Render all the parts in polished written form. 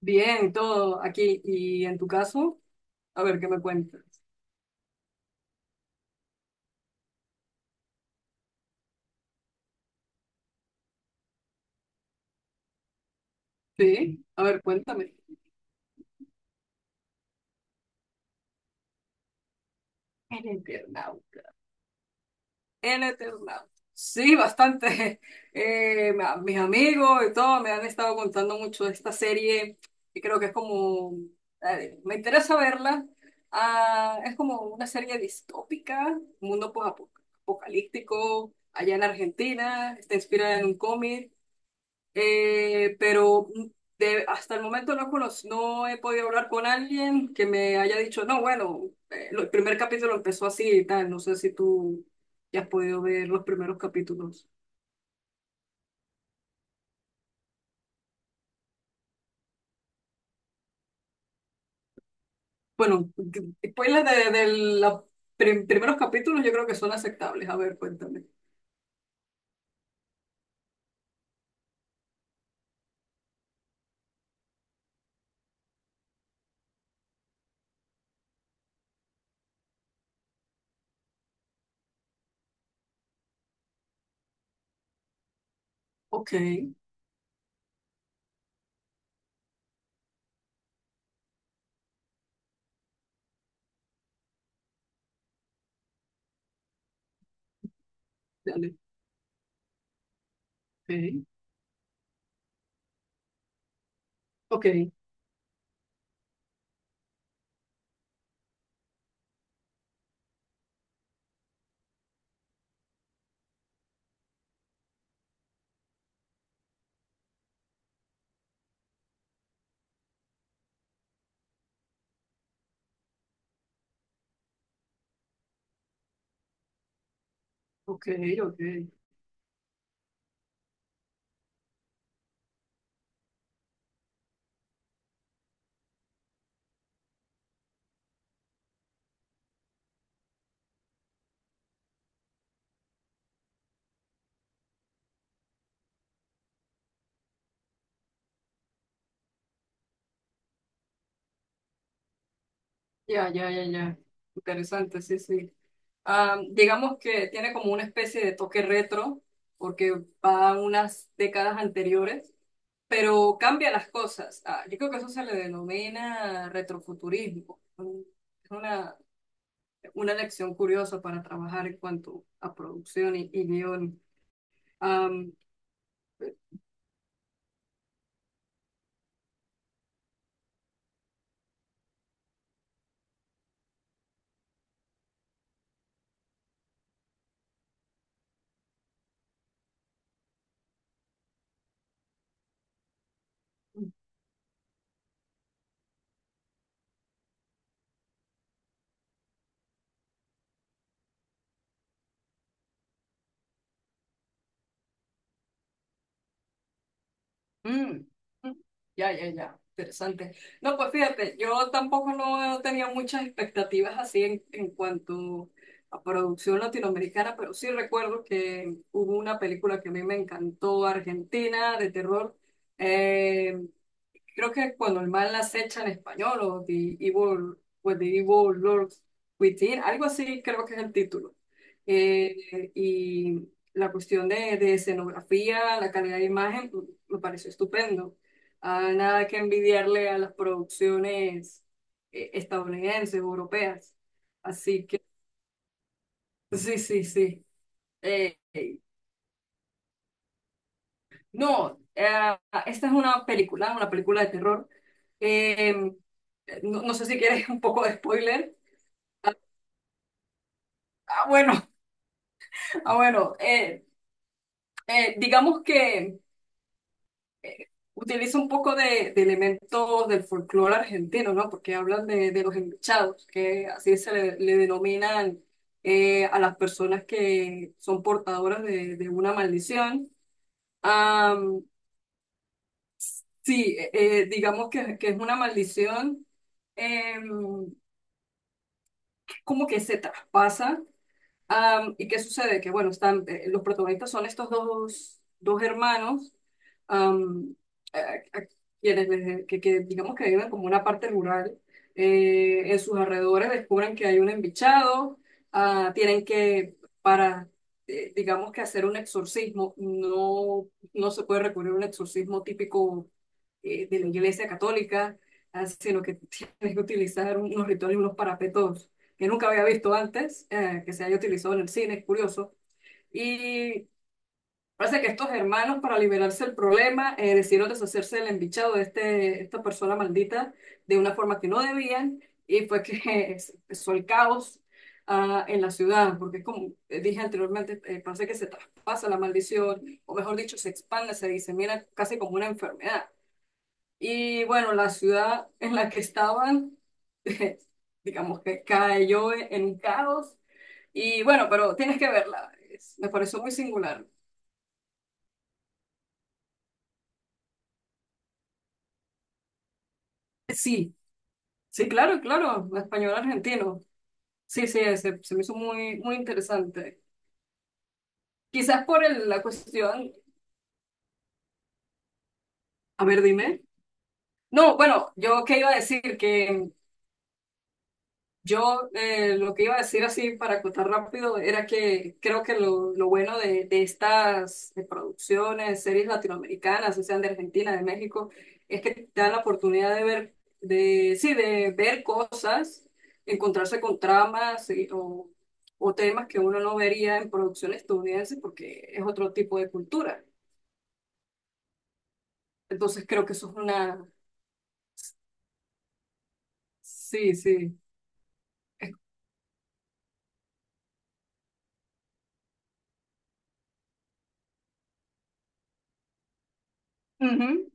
Bien, y todo aquí. ¿Y en tu caso? A ver, ¿qué me cuentas? Sí, a ver, cuéntame. En Eternauta. En Eternauta. Sí, bastante. Mis amigos y todo me han estado contando mucho de esta serie y creo que me interesa verla. Ah, es como una serie distópica, mundo post-apocalíptico, allá en Argentina, está inspirada en un cómic. Eh, pero Hasta el momento no he podido hablar con alguien que me haya dicho, no, el primer capítulo empezó así y tal. No sé si tú ya has podido ver los primeros capítulos. Bueno, spoilers de los primeros capítulos yo creo que son aceptables. A ver, cuéntame. Ok, dale. Ok, ok, ok, ok. Ya, ya, ya, ya. Interesante, sí, sí. Ah, digamos que tiene como una especie de toque retro, porque va a unas décadas anteriores, pero cambia las cosas. Ah, yo creo que eso se le denomina retrofuturismo. Es una lección curiosa para trabajar en cuanto a producción y guión. Mm, mm, ya, ya, ya, interesante. No, pues fíjate, yo tampoco no tenía muchas expectativas así en cuanto a producción latinoamericana, pero sí recuerdo que hubo una película que a mí me encantó, Argentina, de terror. Eh, Creo que Cuando el mal acecha, en español, o The Evil Lord Within, algo así creo que es el título. Y la cuestión de escenografía, la calidad de imagen, mm, me pareció estupendo. Ah, nada que envidiarle a las producciones estadounidenses, europeas. Así que sí, sí, sí. Eh, No, Esta es una película de terror. Eh, no, no sé si quieres un poco de spoiler. Ah, bueno, ah, bueno. Digamos que utiliza un poco de elementos del folclore argentino, ¿no? Porque hablan de los enluchados, que así le denominan a las personas que son portadoras de una maldición. Am, sí, digamos que es una maldición. Eh, Como que se traspasa. ¿Y qué sucede? Que bueno, los protagonistas son estos dos hermanos, am, a quienes que digamos que viven como una parte rural. En sus alrededores descubren que hay un embichado, ah, tienen para, digamos que hacer un exorcismo, no, no se puede recurrir a un exorcismo típico de la Iglesia Católica, ah, sino que tienes que utilizar unos rituales, unos parapetos que nunca había visto antes, que se haya utilizado en el cine, es curioso. Y parece que estos hermanos, para liberarse del problema, decidieron deshacerse del embichado de esta persona maldita de una forma que no debían, y fue que empezó el caos en la ciudad, porque es como dije anteriormente, parece que se traspasa la maldición, o mejor dicho, se expande, se disemina casi como una enfermedad. Y bueno, la ciudad en la que estaban digamos que cayó en un caos y bueno, pero tienes que verla. Me pareció muy singular. Sí, sí, claro, claro. Español argentino. Sí, sí, se me hizo muy, muy interesante. Quizás por la cuestión. A ver, dime. No, bueno, yo qué iba a decir, que yo, lo que iba a decir así para acotar rápido era que creo que lo bueno de estas producciones, series latinoamericanas, o sean de Argentina, de México, es que te dan la oportunidad de ver, sí, de ver cosas, encontrarse con tramas o temas que uno no vería en producciones estadounidenses porque es otro tipo de cultura. Entonces creo que eso es una... Sí, sí. Es- Ujú.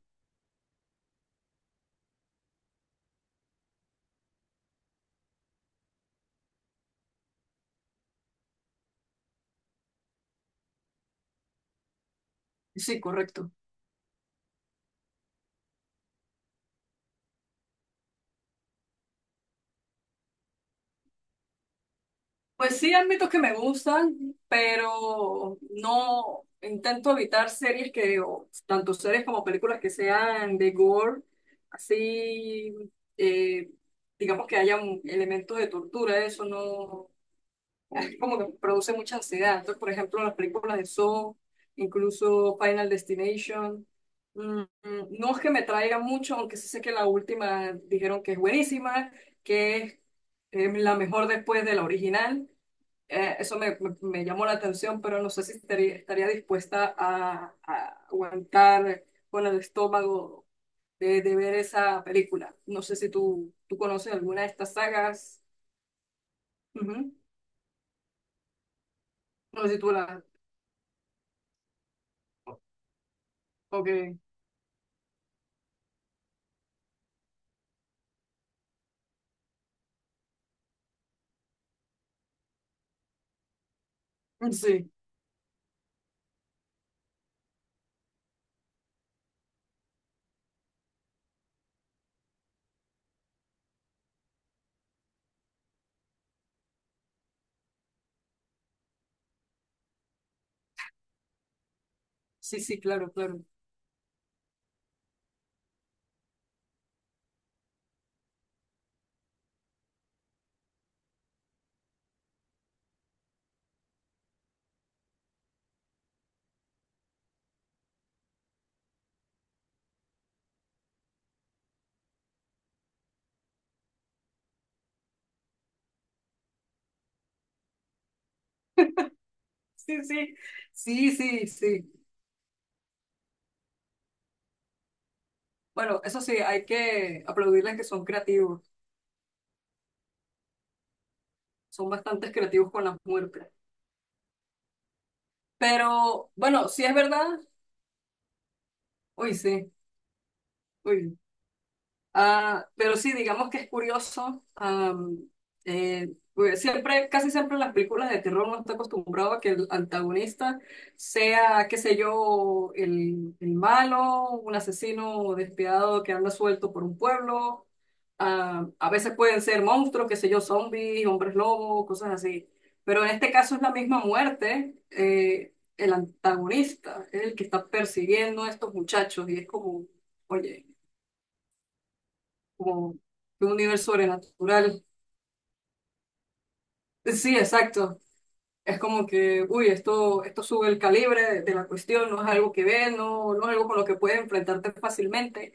Sí, correcto. Pues sí, ámbitos que me gustan, pero no intento evitar series que, o tanto series como películas que sean de gore, así, eh, digamos que elementos de tortura, eso no, es como que produce mucha ansiedad. Entonces, por ejemplo, las películas de Saw, incluso Final Destination, mm, mm, no es que me traiga mucho, aunque sí sé que la última dijeron que es buenísima, que es la mejor después de la original. Eso me llamó la atención, pero no sé si estaría dispuesta a aguantar con el estómago de ver esa película. No sé si tú conoces alguna de estas sagas. Ujú. No sé si tú la... Ok. Sí, sí, sí, claro, claro. Sí, sí, sí, sí, sí. Bueno, eso sí, hay que aplaudirles que son creativos. Son bastante creativos con las muertes. Pero bueno, si es verdad, uy, sí. Uy, ah, pero sí, digamos que es curioso. Pues siempre, casi siempre en las películas de terror uno está acostumbrado a que el antagonista sea, qué sé yo, el malo, un asesino despiadado que anda suelto por un pueblo. Ah, a veces pueden ser monstruos, qué sé yo, zombies, hombres lobo, cosas así. Pero en este caso es la misma muerte. El antagonista es el que está persiguiendo a estos muchachos y es como, oye, como de un nivel sobrenatural. Sí, exacto. Es como que, uy, esto sube el calibre de la cuestión, no es algo que ves, no, no es algo con lo que puedes enfrentarte fácilmente.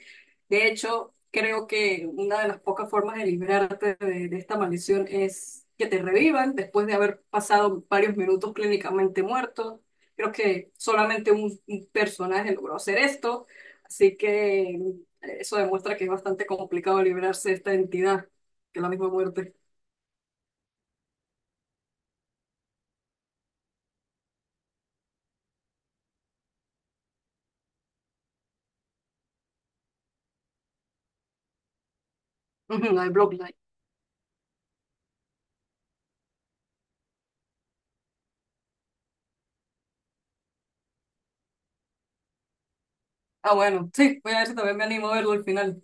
De hecho, creo que una de las pocas formas de librarte de esta maldición es que te revivan después de haber pasado varios minutos clínicamente muerto. Creo que solamente un personaje logró hacer esto, así que eso demuestra que es bastante complicado librarse de esta entidad, que es la misma muerte. Ujú, la de Bloodline. Ah, bueno, sí, voy a ver si también me animo a verlo al final.